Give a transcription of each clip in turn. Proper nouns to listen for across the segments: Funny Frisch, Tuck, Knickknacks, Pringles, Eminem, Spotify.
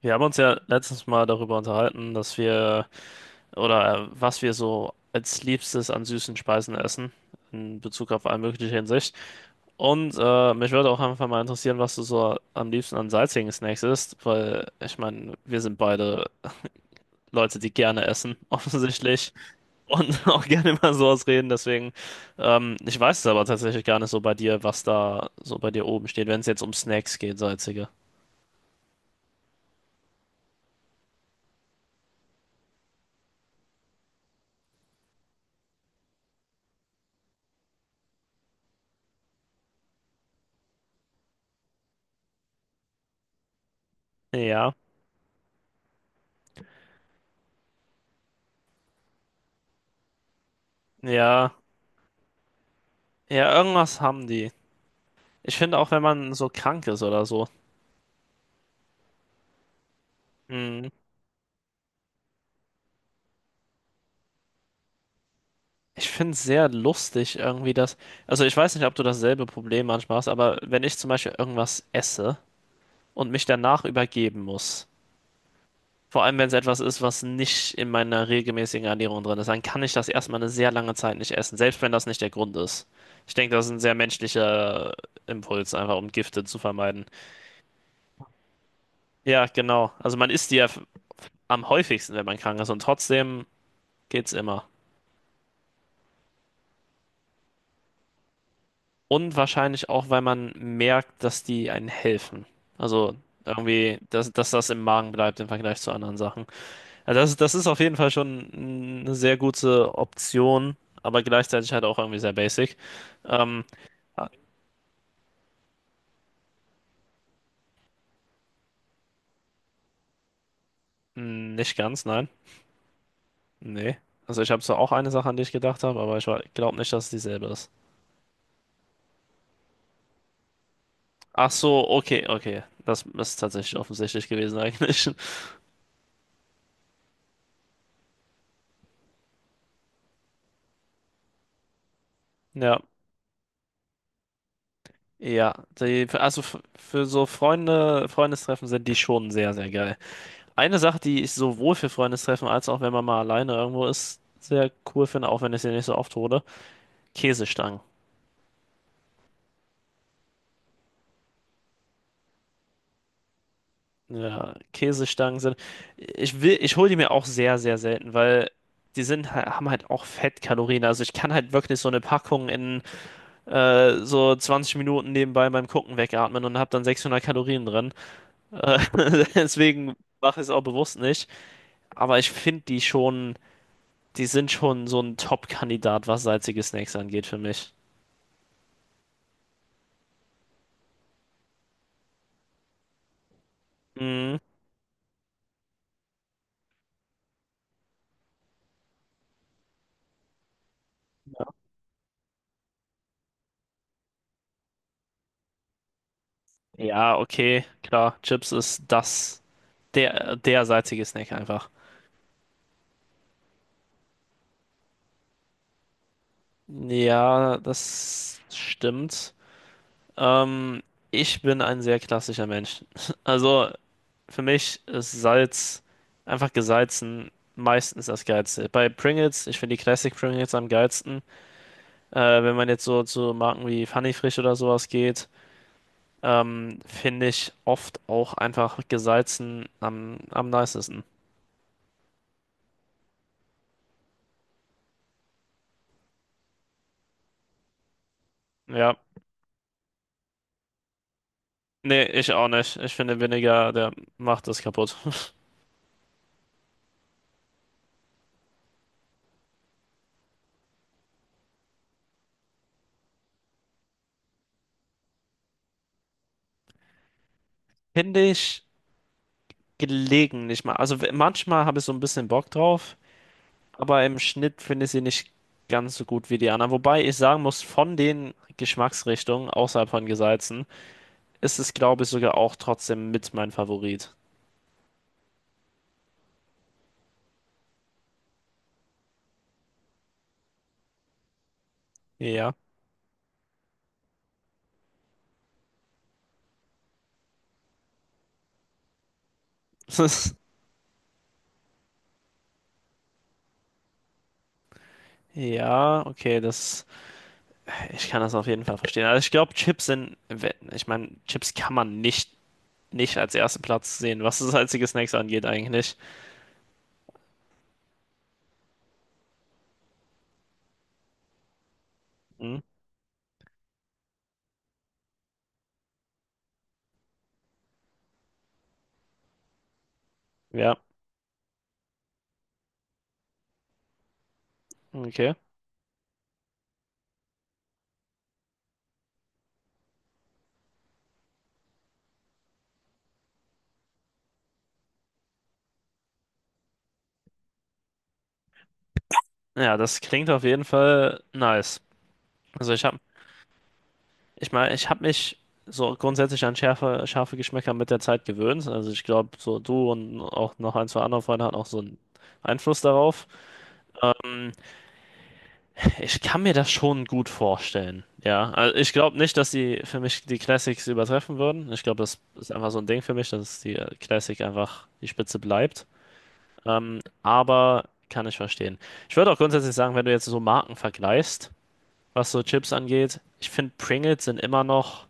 Wir haben uns ja letztens mal darüber unterhalten, dass wir oder was wir so als Liebstes an süßen Speisen essen, in Bezug auf alle mögliche Hinsicht. Und mich würde auch einfach mal interessieren, was du so am liebsten an salzigen Snacks isst, weil ich meine, wir sind beide Leute, die gerne essen, offensichtlich, und auch gerne über sowas reden. Deswegen, ich weiß es aber tatsächlich gar nicht so bei dir, was da so bei dir oben steht, wenn es jetzt um Snacks geht, salzige. Ja, ja, ja, irgendwas haben die. Ich finde auch, wenn man so krank ist oder so, mh, ich finde es sehr lustig irgendwie, also ich weiß nicht, ob du dasselbe Problem manchmal hast, aber wenn ich zum Beispiel irgendwas esse und mich danach übergeben muss, vor allem wenn es etwas ist, was nicht in meiner regelmäßigen Ernährung drin ist, dann kann ich das erstmal eine sehr lange Zeit nicht essen, selbst wenn das nicht der Grund ist. Ich denke, das ist ein sehr menschlicher Impuls, einfach um Gifte zu vermeiden. Ja, genau. Also man isst die ja am häufigsten, wenn man krank ist und trotzdem geht's immer. Und wahrscheinlich auch, weil man merkt, dass die einen helfen. Also irgendwie, dass das im Magen bleibt im Vergleich zu anderen Sachen. Also das ist auf jeden Fall schon eine sehr gute Option, aber gleichzeitig halt auch irgendwie sehr basic. Ähm, ah, nicht ganz, nein. Nee. Also ich habe zwar auch eine Sache, an die ich gedacht habe, aber ich glaube nicht, dass es dieselbe ist. Ach so, okay, okay. Das ist tatsächlich offensichtlich gewesen eigentlich. Ja. Ja, die, also für so Freunde, Freundestreffen sind die schon sehr, sehr geil. Eine Sache, die ich sowohl für Freundestreffen als auch wenn man mal alleine irgendwo ist, sehr cool finde, auch wenn ich sie nicht so oft hole, Käsestangen. Ja, Käsestangen sind, ich will, ich hole die mir auch sehr, sehr selten, weil die sind, haben halt auch Fettkalorien. Also ich kann halt wirklich so eine Packung in so 20 Minuten nebenbei beim Gucken wegatmen und habe dann 600 Kalorien drin. Äh, Deswegen mache ich es auch bewusst nicht. Aber ich finde die schon, die sind schon so ein Top-Kandidat, was salzige Snacks angeht für mich. Mhm. Ja, okay, klar. Chips ist das, der salzige Snack einfach. Ja, das stimmt. Ähm, ich bin ein sehr klassischer Mensch. Also für mich ist Salz einfach gesalzen meistens das Geilste. Bei Pringles, ich finde die Classic Pringles am geilsten. Wenn man jetzt so zu Marken wie Funny Frisch oder sowas geht. Finde ich oft auch einfach gesalzen am nicesten. Ja, nee, ich auch nicht. Ich finde Vinegar, der macht das kaputt. Finde ich gelegentlich mal. Also manchmal habe ich so ein bisschen Bock drauf, aber im Schnitt finde ich sie nicht ganz so gut wie die anderen. Wobei ich sagen muss, von den Geschmacksrichtungen außerhalb von gesalzen ist es, glaube ich, sogar auch trotzdem mit mein Favorit. Ja. Ja, okay, das. Ich kann das auf jeden Fall verstehen. Also ich glaube, Chips sind, ich meine, Chips kann man nicht als ersten Platz sehen, was das salzige Snacks angeht eigentlich. Hm? Ja, okay. Ja, das klingt auf jeden Fall nice. Also ich habe, ich meine, ich habe mich so grundsätzlich an scharfe Geschmäcker mit der Zeit gewöhnt. Also ich glaube, so du und auch noch ein, zwei andere Freunde hatten auch so einen Einfluss darauf. Ähm, Ich kann mir das schon gut vorstellen. Ja, also ich glaube nicht, dass die für mich die Classics übertreffen würden. Ich glaube, das ist einfach so ein Ding für mich, dass die Classic einfach die Spitze bleibt. Aber kann ich verstehen. Ich würde auch grundsätzlich sagen, wenn du jetzt so Marken vergleichst, was so Chips angeht, ich finde Pringles sind immer noch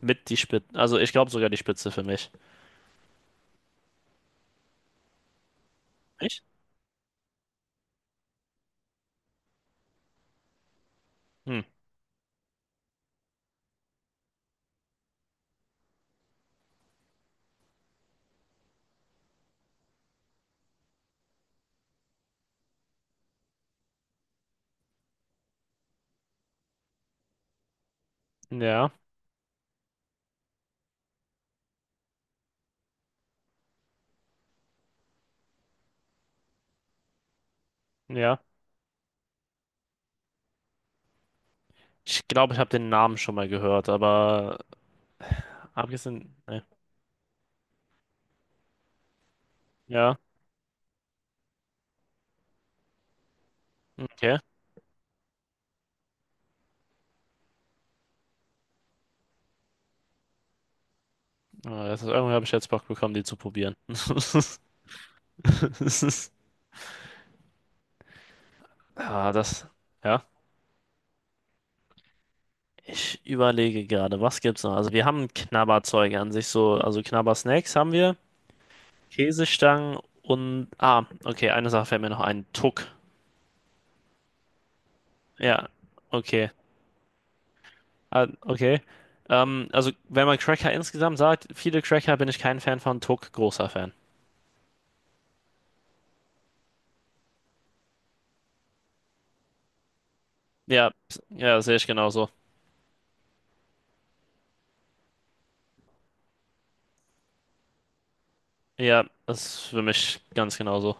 mit die Spitze, also ich glaube sogar die Spitze für mich. Echt? Hm. Ja, ja. Ich glaube, ich habe den Namen schon mal gehört, aber abgesehen, ne. Ja, okay. Ah, das ist, irgendwie habe ich jetzt Bock bekommen, die zu probieren. Ah, das. Ja. Ich überlege gerade, was gibt's noch? Also wir haben Knabberzeug an sich, so, also Knabbersnacks haben wir, Käsestangen und. Ah, okay, eine Sache fällt mir noch ein. Tuck. Ja, okay. Ah, okay. Also wenn man Cracker insgesamt sagt, viele Cracker bin ich kein Fan von, Tuck großer Fan. Ja, ja, sehe ich genauso. Ja, das ist für mich ganz genauso.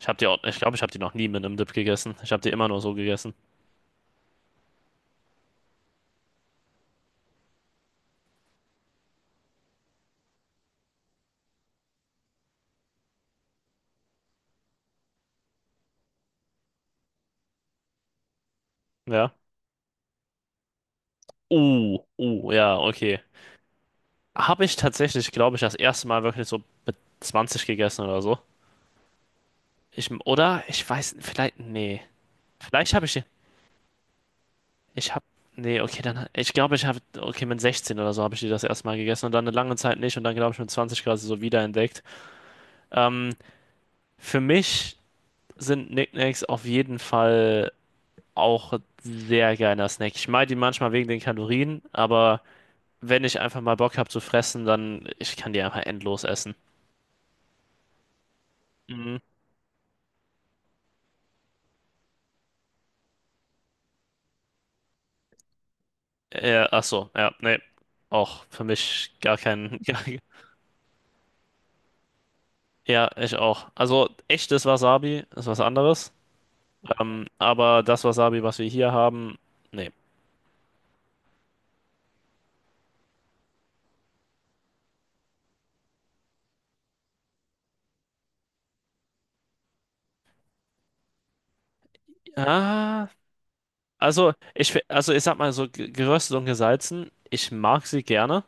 Ich habe die auch, ich glaube, ich habe die noch nie mit einem Dip gegessen. Ich habe die immer nur so gegessen. Ja. Ja, okay. Habe ich tatsächlich, glaube ich, das erste Mal wirklich so mit 20 gegessen oder so. Ich, oder? Ich weiß, vielleicht, nee. Vielleicht habe ich die, ich habe, nee, okay, dann, ich glaube, ich habe, okay, mit 16 oder so habe ich die das erste Mal gegessen und dann eine lange Zeit nicht und dann, glaube ich, mit 20 quasi so wiederentdeckt. Ähm, für mich sind Knickknacks auf jeden Fall auch ein sehr geiler Snack. Ich mag die manchmal wegen den Kalorien, aber wenn ich einfach mal Bock habe zu fressen, dann ich kann die einfach endlos essen. Mhm. Ach so, ja, nee. Auch für mich gar kein. Gar, ja, ich auch. Also echtes Wasabi ist was anderes. Aber das Wasabi, was wir hier haben, nee. Ah, also ich, also ich sag mal so geröstet und gesalzen. Ich mag sie gerne.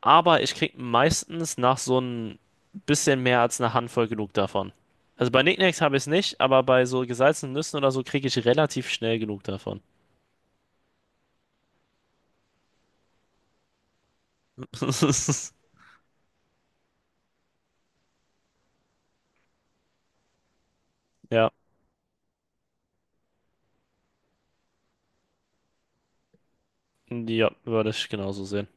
Aber ich krieg meistens nach so ein bisschen mehr als einer Handvoll genug davon. Also bei Nicknacks habe ich es nicht, aber bei so gesalzenen Nüssen oder so kriege ich relativ schnell genug davon. Ja, ja, würde ich genauso sehen.